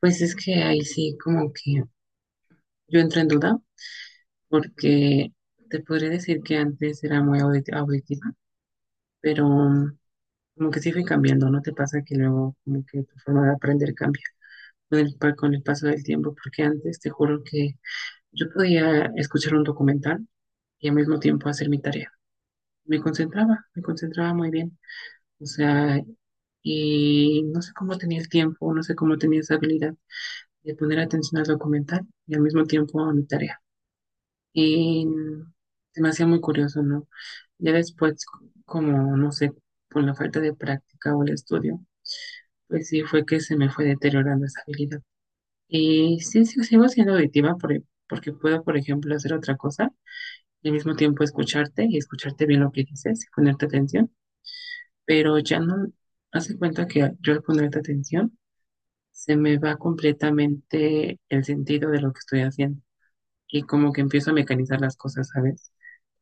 Pues es que ahí sí como que yo entro en duda porque te podría decir que antes era muy auditiva, pero como que sí fui cambiando. ¿No te pasa que luego como que tu forma de aprender cambia con el paso del tiempo? Porque antes te juro que yo podía escuchar un documental y al mismo tiempo hacer mi tarea. Me concentraba muy bien. O sea, y no sé cómo tenía el tiempo, no sé cómo tenía esa habilidad de poner atención al documental y al mismo tiempo a mi tarea. Y se me hacía muy curioso, ¿no? Ya después, como, no sé, por la falta de práctica o el estudio, pues sí fue que se me fue deteriorando esa habilidad. Y sí, sí, sigo siendo auditiva porque puedo, por ejemplo, hacer otra cosa y al mismo tiempo escucharte y escucharte bien lo que dices y ponerte atención, pero ya no. Hace cuenta que yo al ponerte atención se me va completamente el sentido de lo que estoy haciendo y como que empiezo a mecanizar las cosas, ¿sabes?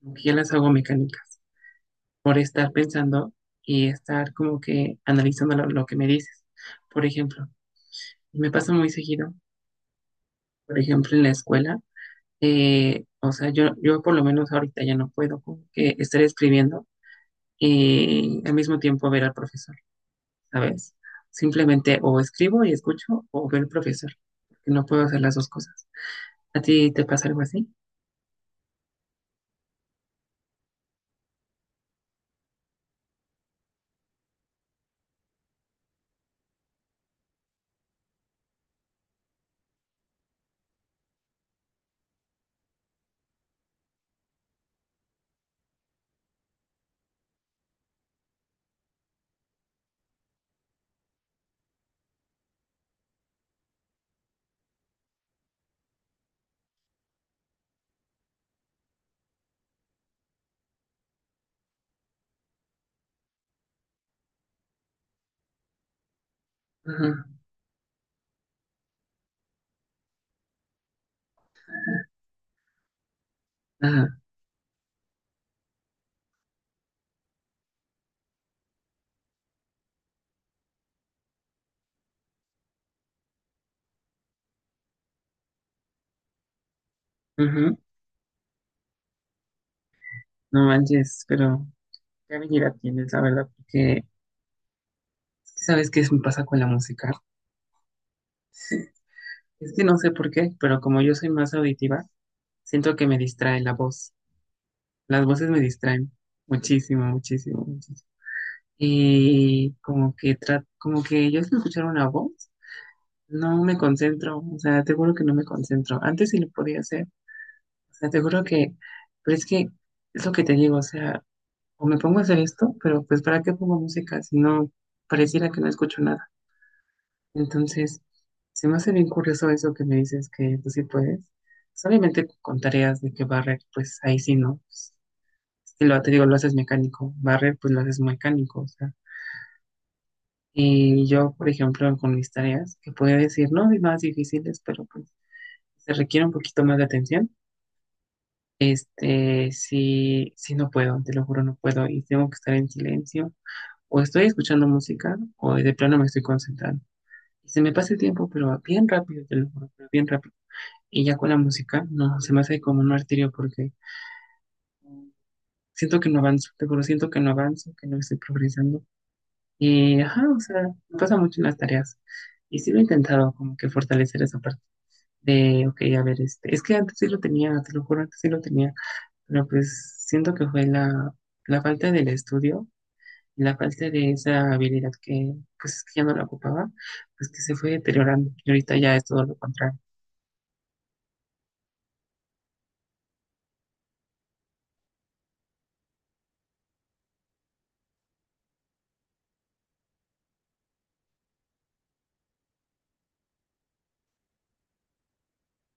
Como que ya las hago mecánicas por estar pensando y estar como que analizando lo que me dices. Por ejemplo, me pasa muy seguido, por ejemplo, en la escuela, o sea, yo por lo menos ahorita ya no puedo como que estar escribiendo y al mismo tiempo ver al profesor. ¿Sabes? Simplemente o escribo y escucho o veo al profesor, porque no puedo hacer las dos cosas. ¿A ti te pasa algo así? Ajá, ajá, ujú. No manches, pero qué habilidad tienes, la verdad, porque es que sabes me pasa con la música. Es que no sé por qué, pero como yo soy más auditiva, siento que me distrae la voz. Las voces me distraen muchísimo, muchísimo, muchísimo. Y como que como que yo sé escuchar una voz. No me concentro, o sea, te juro que no me concentro. Antes sí lo podía hacer, o sea, te juro que, pero es que es lo que te digo, o sea, o me pongo a hacer esto, pero pues ¿para qué pongo música si no pareciera que no escucho nada? Entonces, se me hace bien curioso eso que me dices que tú sí puedes. Solamente con tareas de que barrer, pues ahí sí no. Pues, si lo te digo, lo haces mecánico, barrer, pues lo haces mecánico, o sea. Y yo, por ejemplo, con mis tareas, que podía decir, no, es más difíciles, pero pues se requiere un poquito más de atención. Este, sí, sí no puedo, te lo juro, no puedo y tengo que estar en silencio o estoy escuchando música o de plano me estoy concentrando. Y se me pasa el tiempo, pero bien rápido, te lo juro, pero bien rápido. Y ya con la música, no, se me hace como un martirio porque siento que no avanzo, te juro, siento que no avanzo, que no estoy progresando. Y, ajá, o sea, me pasa mucho en las tareas. Y sí lo he intentado como que fortalecer esa parte de, ok, a ver, este, es que antes sí lo tenía, te lo juro, antes sí lo tenía. Pero pues siento que fue la falta del estudio, la falta de esa habilidad que pues que ya no la ocupaba, pues que se fue deteriorando y ahorita ya es todo lo contrario.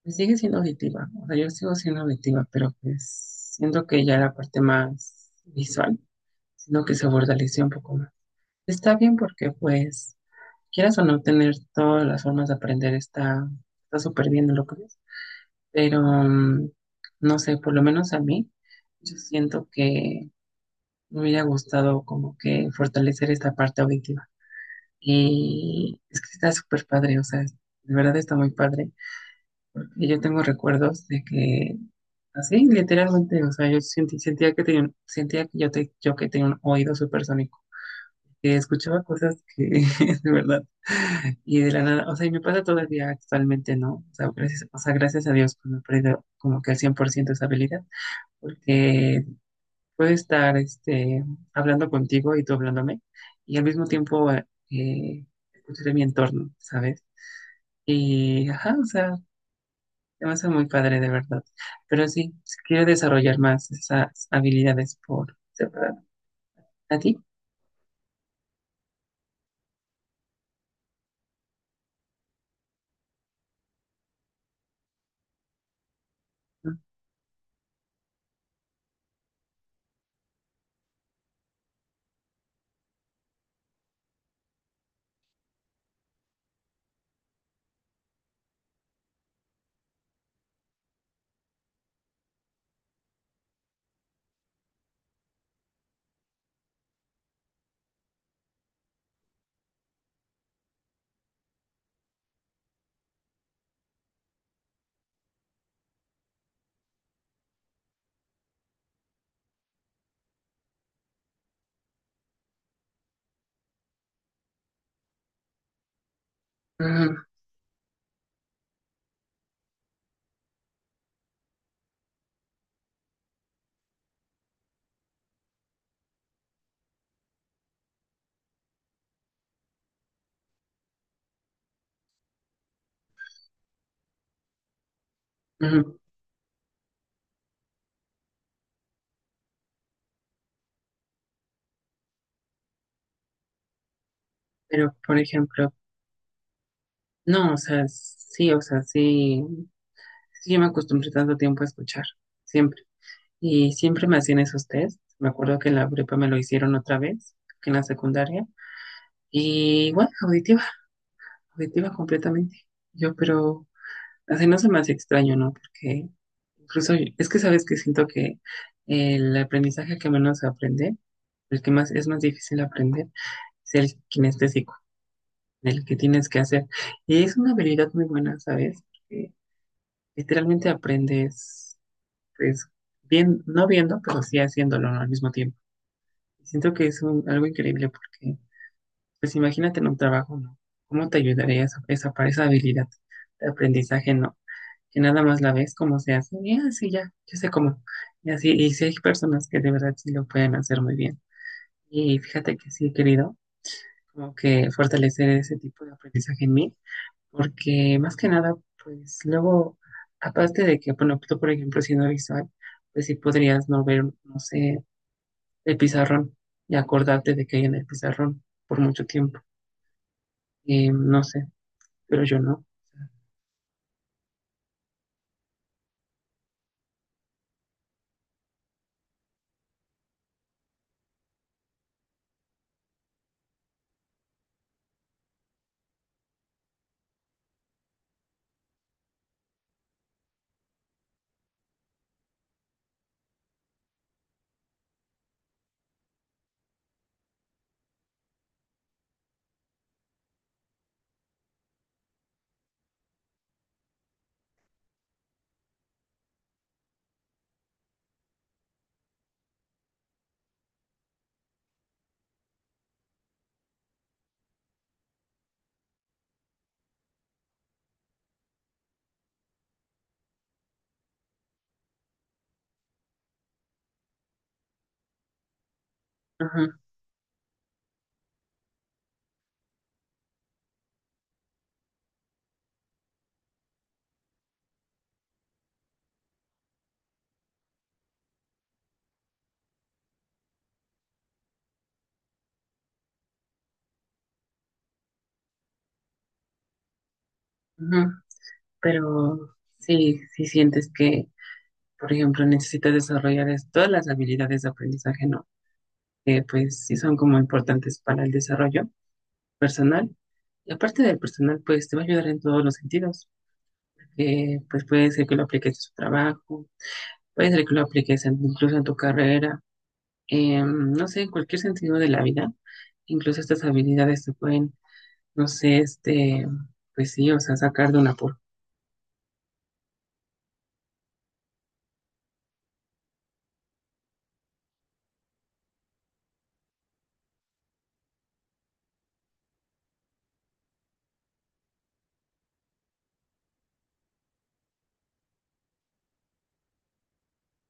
Pues sigue siendo auditiva, o sea, yo sigo siendo auditiva, pero pues siento que ya la parte más visual, sino que se fortaleció un poco más. Está bien porque pues quieras o no tener todas las formas de aprender está súper bien en lo que es, pero no sé, por lo menos a mí, yo siento que me hubiera gustado como que fortalecer esta parte auditiva. Y es que está súper padre, o sea, de verdad está muy padre. Y yo tengo recuerdos de que, así, literalmente, o sea, yo sentía que tenía, sentía que yo que tenía un oído supersónico, que escuchaba cosas que, de verdad, y de la nada, o sea, y me pasa todavía actualmente, ¿no? O sea, gracias a Dios, pues, me he perdido como que al 100% esa habilidad, porque puedo estar este, hablando contigo y tú hablándome y al mismo tiempo escuchar mi entorno, ¿sabes? Y, ajá, o sea, te va muy padre de verdad. Pero sí, sí quiero desarrollar más esas habilidades por separado. ¿A ti? Ujú, ujú. Pero, por ejemplo, no, sí, yo me acostumbré tanto tiempo a escuchar, siempre. Y siempre me hacían esos test. Me acuerdo que en la prepa me lo hicieron otra vez, que en la secundaria. Y bueno, auditiva, auditiva completamente. Yo, pero así no se me hace extraño, ¿no? Porque incluso es que sabes que siento que el aprendizaje que menos se aprende, el que más es más difícil aprender, es el kinestésico, el que tienes que hacer. Y es una habilidad muy buena, ¿sabes? Porque literalmente aprendes, pues, bien, no viendo, pero sí haciéndolo, ¿no?, al mismo tiempo. Siento que es algo increíble porque pues imagínate en un trabajo, ¿no? ¿Cómo te ayudaría para esa habilidad de aprendizaje, no? Que nada más la ves cómo se hace, y así ya, yo sé cómo. Y así, y sí hay personas que de verdad sí lo pueden hacer muy bien. Y fíjate que sí he querido como que fortalecer ese tipo de aprendizaje en mí, porque más que nada, pues luego, aparte de que, bueno, tú por ejemplo siendo visual, pues sí podrías no ver, no sé, el pizarrón y acordarte de que hay en el pizarrón por mucho tiempo. No sé, pero yo no. Ajá, ajá. Pero sí, si sientes que, por ejemplo, necesitas desarrollar todas las habilidades de aprendizaje, ¿no? Que pues sí son como importantes para el desarrollo personal. Y aparte del personal, pues te va a ayudar en todos los sentidos. Pues puede ser que lo apliques en su trabajo, puede ser que lo apliques incluso en tu carrera, no sé, en cualquier sentido de la vida. Incluso estas habilidades te pueden, no sé, este, pues sí, o sea, sacar de una